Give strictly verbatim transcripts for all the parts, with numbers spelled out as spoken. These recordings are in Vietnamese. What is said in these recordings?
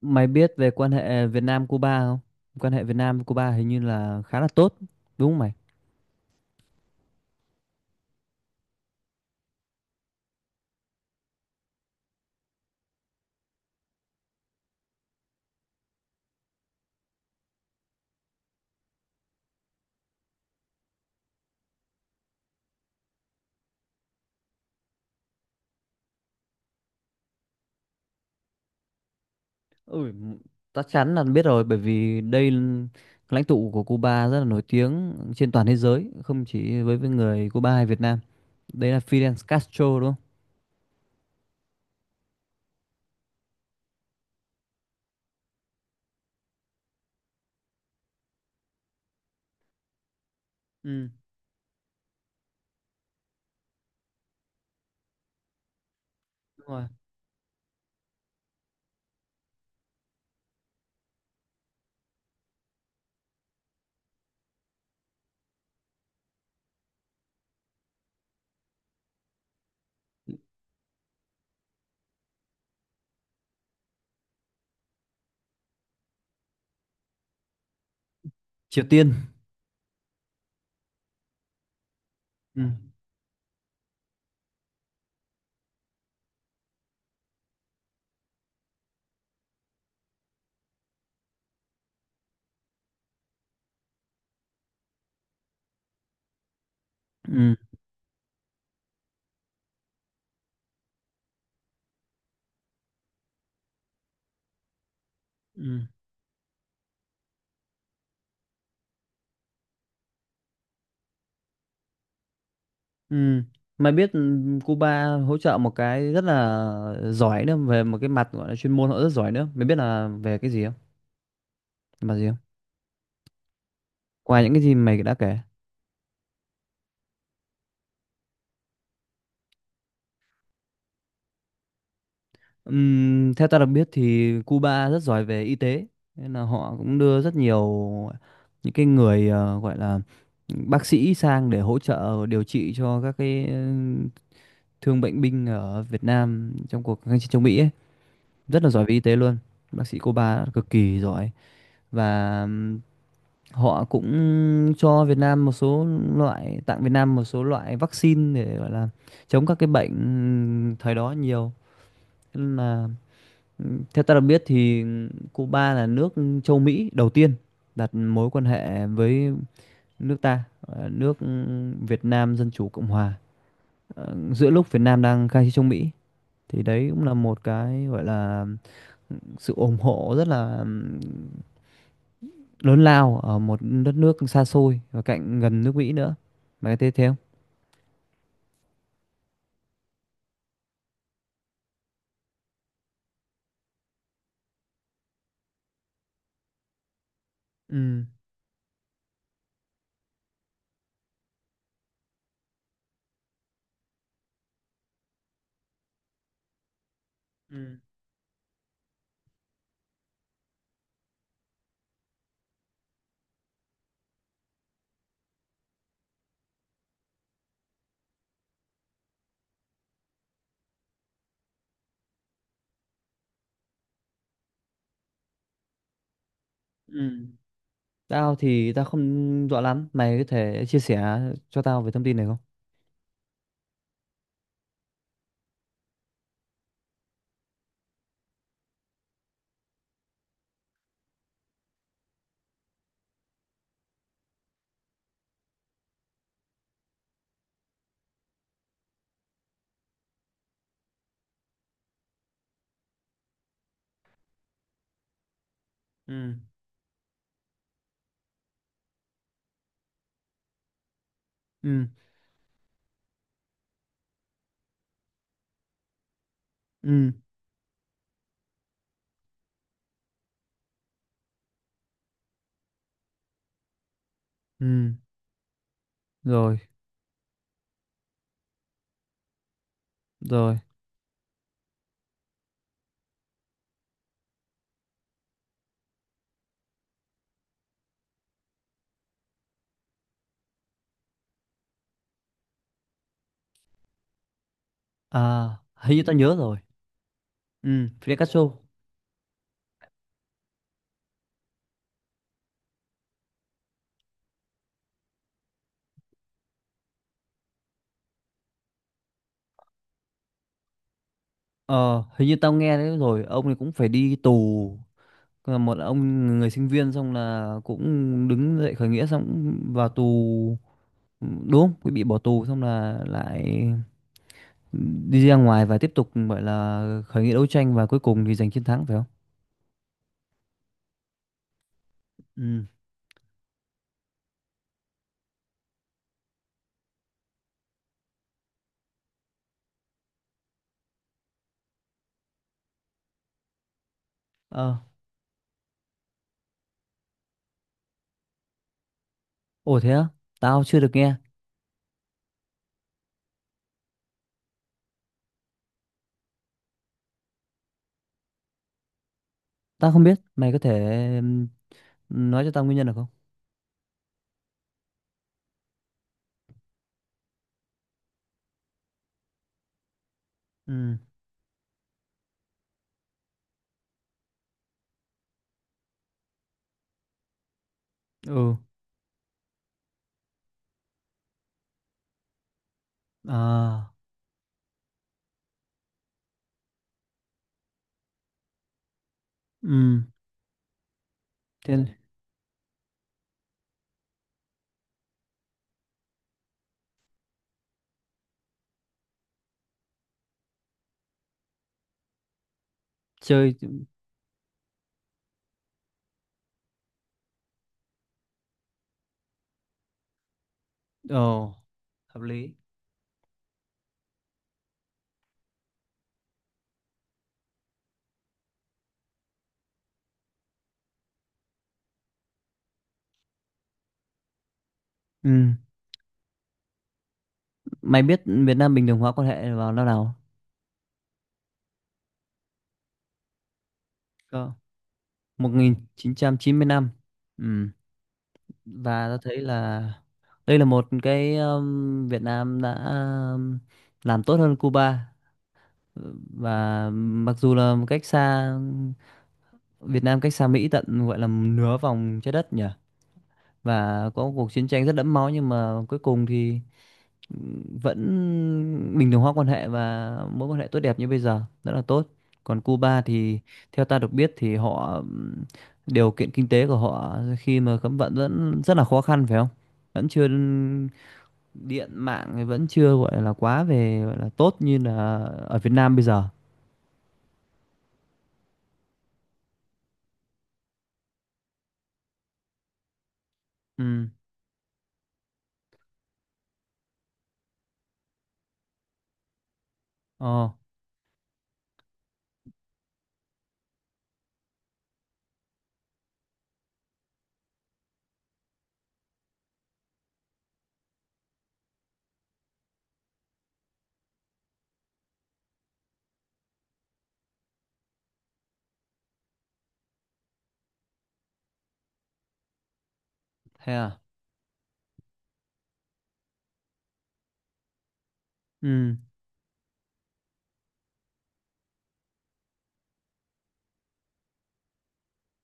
Mày biết về quan hệ Việt Nam Cuba không? Quan hệ Việt Nam Cuba hình như là khá là tốt, đúng không mày? Ừ, chắc chắn là biết rồi bởi vì đây l- lãnh tụ của Cuba rất là nổi tiếng trên toàn thế giới, không chỉ với với người Cuba hay Việt Nam. Đấy là Fidel Castro đúng không? Ừ, đúng rồi. Triều Tiên. Ừ. Ừ. Ừ. Ừ. Mày biết ừ, Cuba hỗ trợ một cái rất là giỏi nữa về một cái mặt gọi là chuyên môn họ rất giỏi nữa. Mày biết là về cái gì không? Mặt gì không? Qua những cái gì mày đã kể. Ừm, theo ta được biết thì Cuba rất giỏi về y tế, nên là họ cũng đưa rất nhiều những cái người ờ, gọi là bác sĩ sang để hỗ trợ điều trị cho các cái ờ, thương bệnh binh ở Việt Nam trong cuộc kháng chiến chống Mỹ ấy. Rất là giỏi về y tế luôn. Bác sĩ Cuba cực kỳ giỏi và ừm, họ cũng cho Việt Nam một số loại, tặng Việt Nam một số loại vaccine để gọi là chống các cái bệnh thời đó nhiều. Nên là ừ, theo ta được biết thì Cuba là nước châu Mỹ đầu tiên đặt mối quan hệ với nước ta, ờ, nước Việt Nam Dân Chủ Cộng Hòa. Ờ, giữa lúc Việt Nam đang khai chiến chống Mỹ thì đấy cũng là một cái gọi là sự ủng hộ rất là ừm, lớn lao ở một đất nước xa xôi và cạnh gần nước Mỹ nữa. Mày có thấy thế không? Ừ. Ừ. Ừ. Tao thì tao không rõ lắm, mày có thể chia sẻ cho tao về thông tin này không? Ừ. Ừ. Ừ. Ừ, rồi, rồi. À, hình như tao nhớ rồi. Ừ, Fidel Castro. Ờ, hình như tao nghe đấy rồi, ông này cũng phải đi tù. Là một ông người sinh viên xong là cũng đứng dậy khởi nghĩa xong cũng vào tù. Đúng không? Cũng bị bỏ tù xong là lại đi ra ngoài và tiếp tục gọi là khởi nghĩa đấu tranh, và cuối cùng thì giành chiến thắng phải không? Ừ. Ờ, ồ thế á? Tao chưa được nghe. Tao không biết. Mày có thể ừm, nói cho tao nguyên nhân được không? Ừ. Ừ. À. Ừ thế chơi, ồ hợp lý, ừ mày biết Việt Nam bình thường hóa quan hệ vào năm nào? Có một nghìn chín trăm chín mươi năm, ừ, và ta thấy là đây là một cái um, Việt Nam đã um, làm tốt hơn Cuba, và mặc dù là một cách xa, Việt Nam cách xa Mỹ tận gọi là nửa vòng trái đất nhỉ và có cuộc chiến tranh rất đẫm máu nhưng mà cuối cùng thì vẫn bình thường hóa quan hệ, và mối quan hệ tốt đẹp như bây giờ rất là tốt. Còn Cuba thì theo ta được biết thì họ ừm, điều kiện kinh tế của họ khi mà cấm vận vẫn rất là khó khăn phải không, vẫn chưa, điện mạng thì vẫn chưa gọi là quá về gọi là tốt như là ở Việt Nam bây giờ. Ừ, ồ thế à, ừ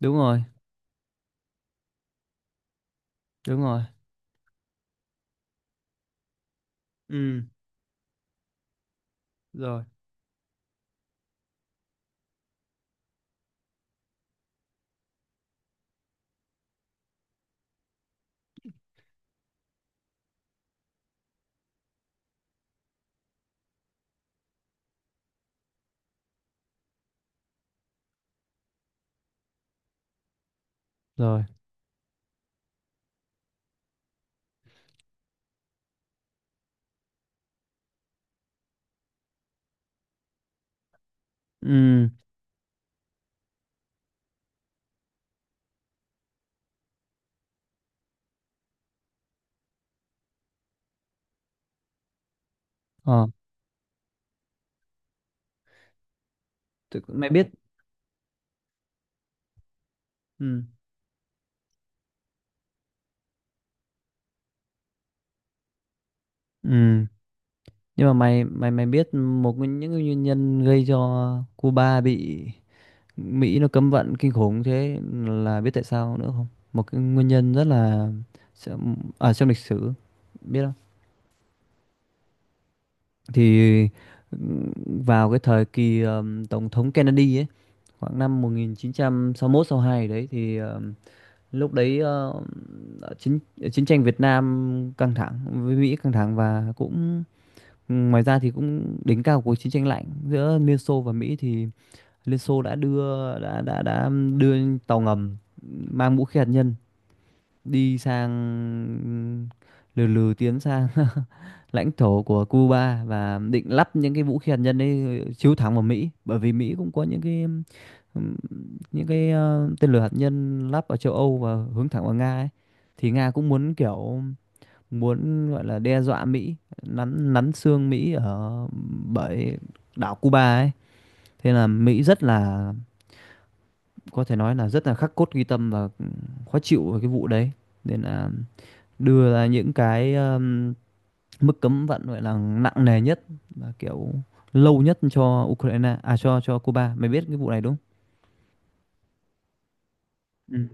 đúng rồi, đúng rồi, ừ rồi, rồi, ừ, ờ thế mày biết, ừ, ừ. Nhưng mà mày mày mày biết một nguyên- những cái nguyên nhân gây cho Cuba bị Mỹ nó cấm vận kinh khủng thế, là biết tại sao nữa không? Một cái nguyên nhân rất là ở trong lịch sử, biết không? Thì ừm, vào cái thời kỳ ừm, tổng thống Kennedy ấy, khoảng năm một nghìn chín trăm sáu mươi mốt sáu hai đấy thì ừm, lúc đấy ờ, chiến chiến tranh Việt Nam căng thẳng với Mỹ căng thẳng, và cũng ừ, ngoài ra thì cũng đỉnh cao cuộc chiến tranh lạnh giữa Liên Xô và Mỹ thì Liên Xô đã đưa đã đã đã đưa tàu ngầm mang vũ khí hạt nhân đi sang, lừ lừ tiến sang lãnh thổ của Cuba và định lắp những cái vũ khí hạt nhân ấy chiếu thẳng vào Mỹ, bởi vì Mỹ cũng có những cái ừm, những cái ờ, tên lửa hạt nhân lắp ở châu Âu và hướng thẳng vào Nga ấy, thì Nga cũng muốn kiểu muốn gọi là đe dọa Mỹ, nắn nắn xương Mỹ ở bởi đảo Cuba ấy. Thế là Mỹ rất là, có thể nói là rất là khắc cốt ghi tâm và khó chịu về cái vụ đấy. Nên là đưa ra những cái um, mức cấm vận gọi là nặng nề nhất và kiểu lâu nhất cho Ukraine à cho cho Cuba. Mày biết cái vụ này đúng không? Ừ.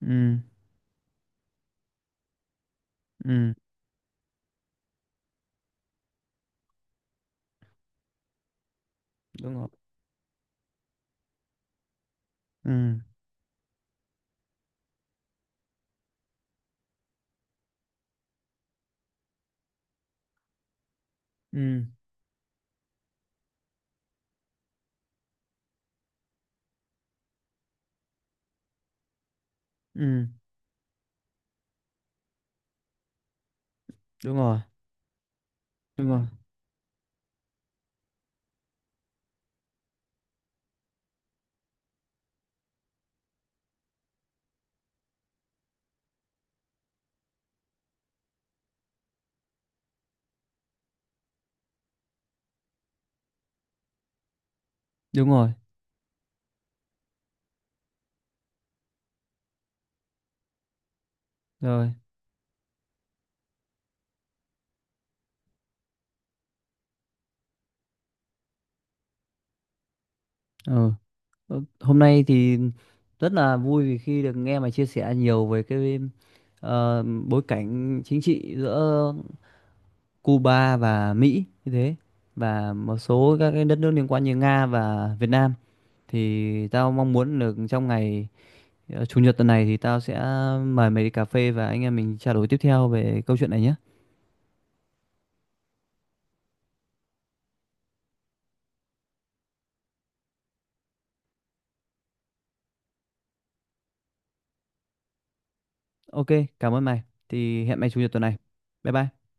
Ừ. Ừ, đúng rồi. Ừ. Ừ. Ừ, đúng rồi. Đúng rồi. Đúng rồi. Rồi. Ừ. Ờ, hôm nay thì rất là vui vì khi được nghe mày chia sẻ nhiều về cái ờ, bối cảnh chính trị giữa Cuba và Mỹ như thế và một số các cái đất nước liên quan như Nga và Việt Nam, thì tao mong muốn được trong ngày ờ, chủ nhật tuần này thì tao sẽ mời mày đi cà phê và anh em mình trao đổi tiếp theo về câu chuyện này nhé. Ok, cảm ơn mày. Thì hẹn mày chủ nhật tuần này. Bye bye.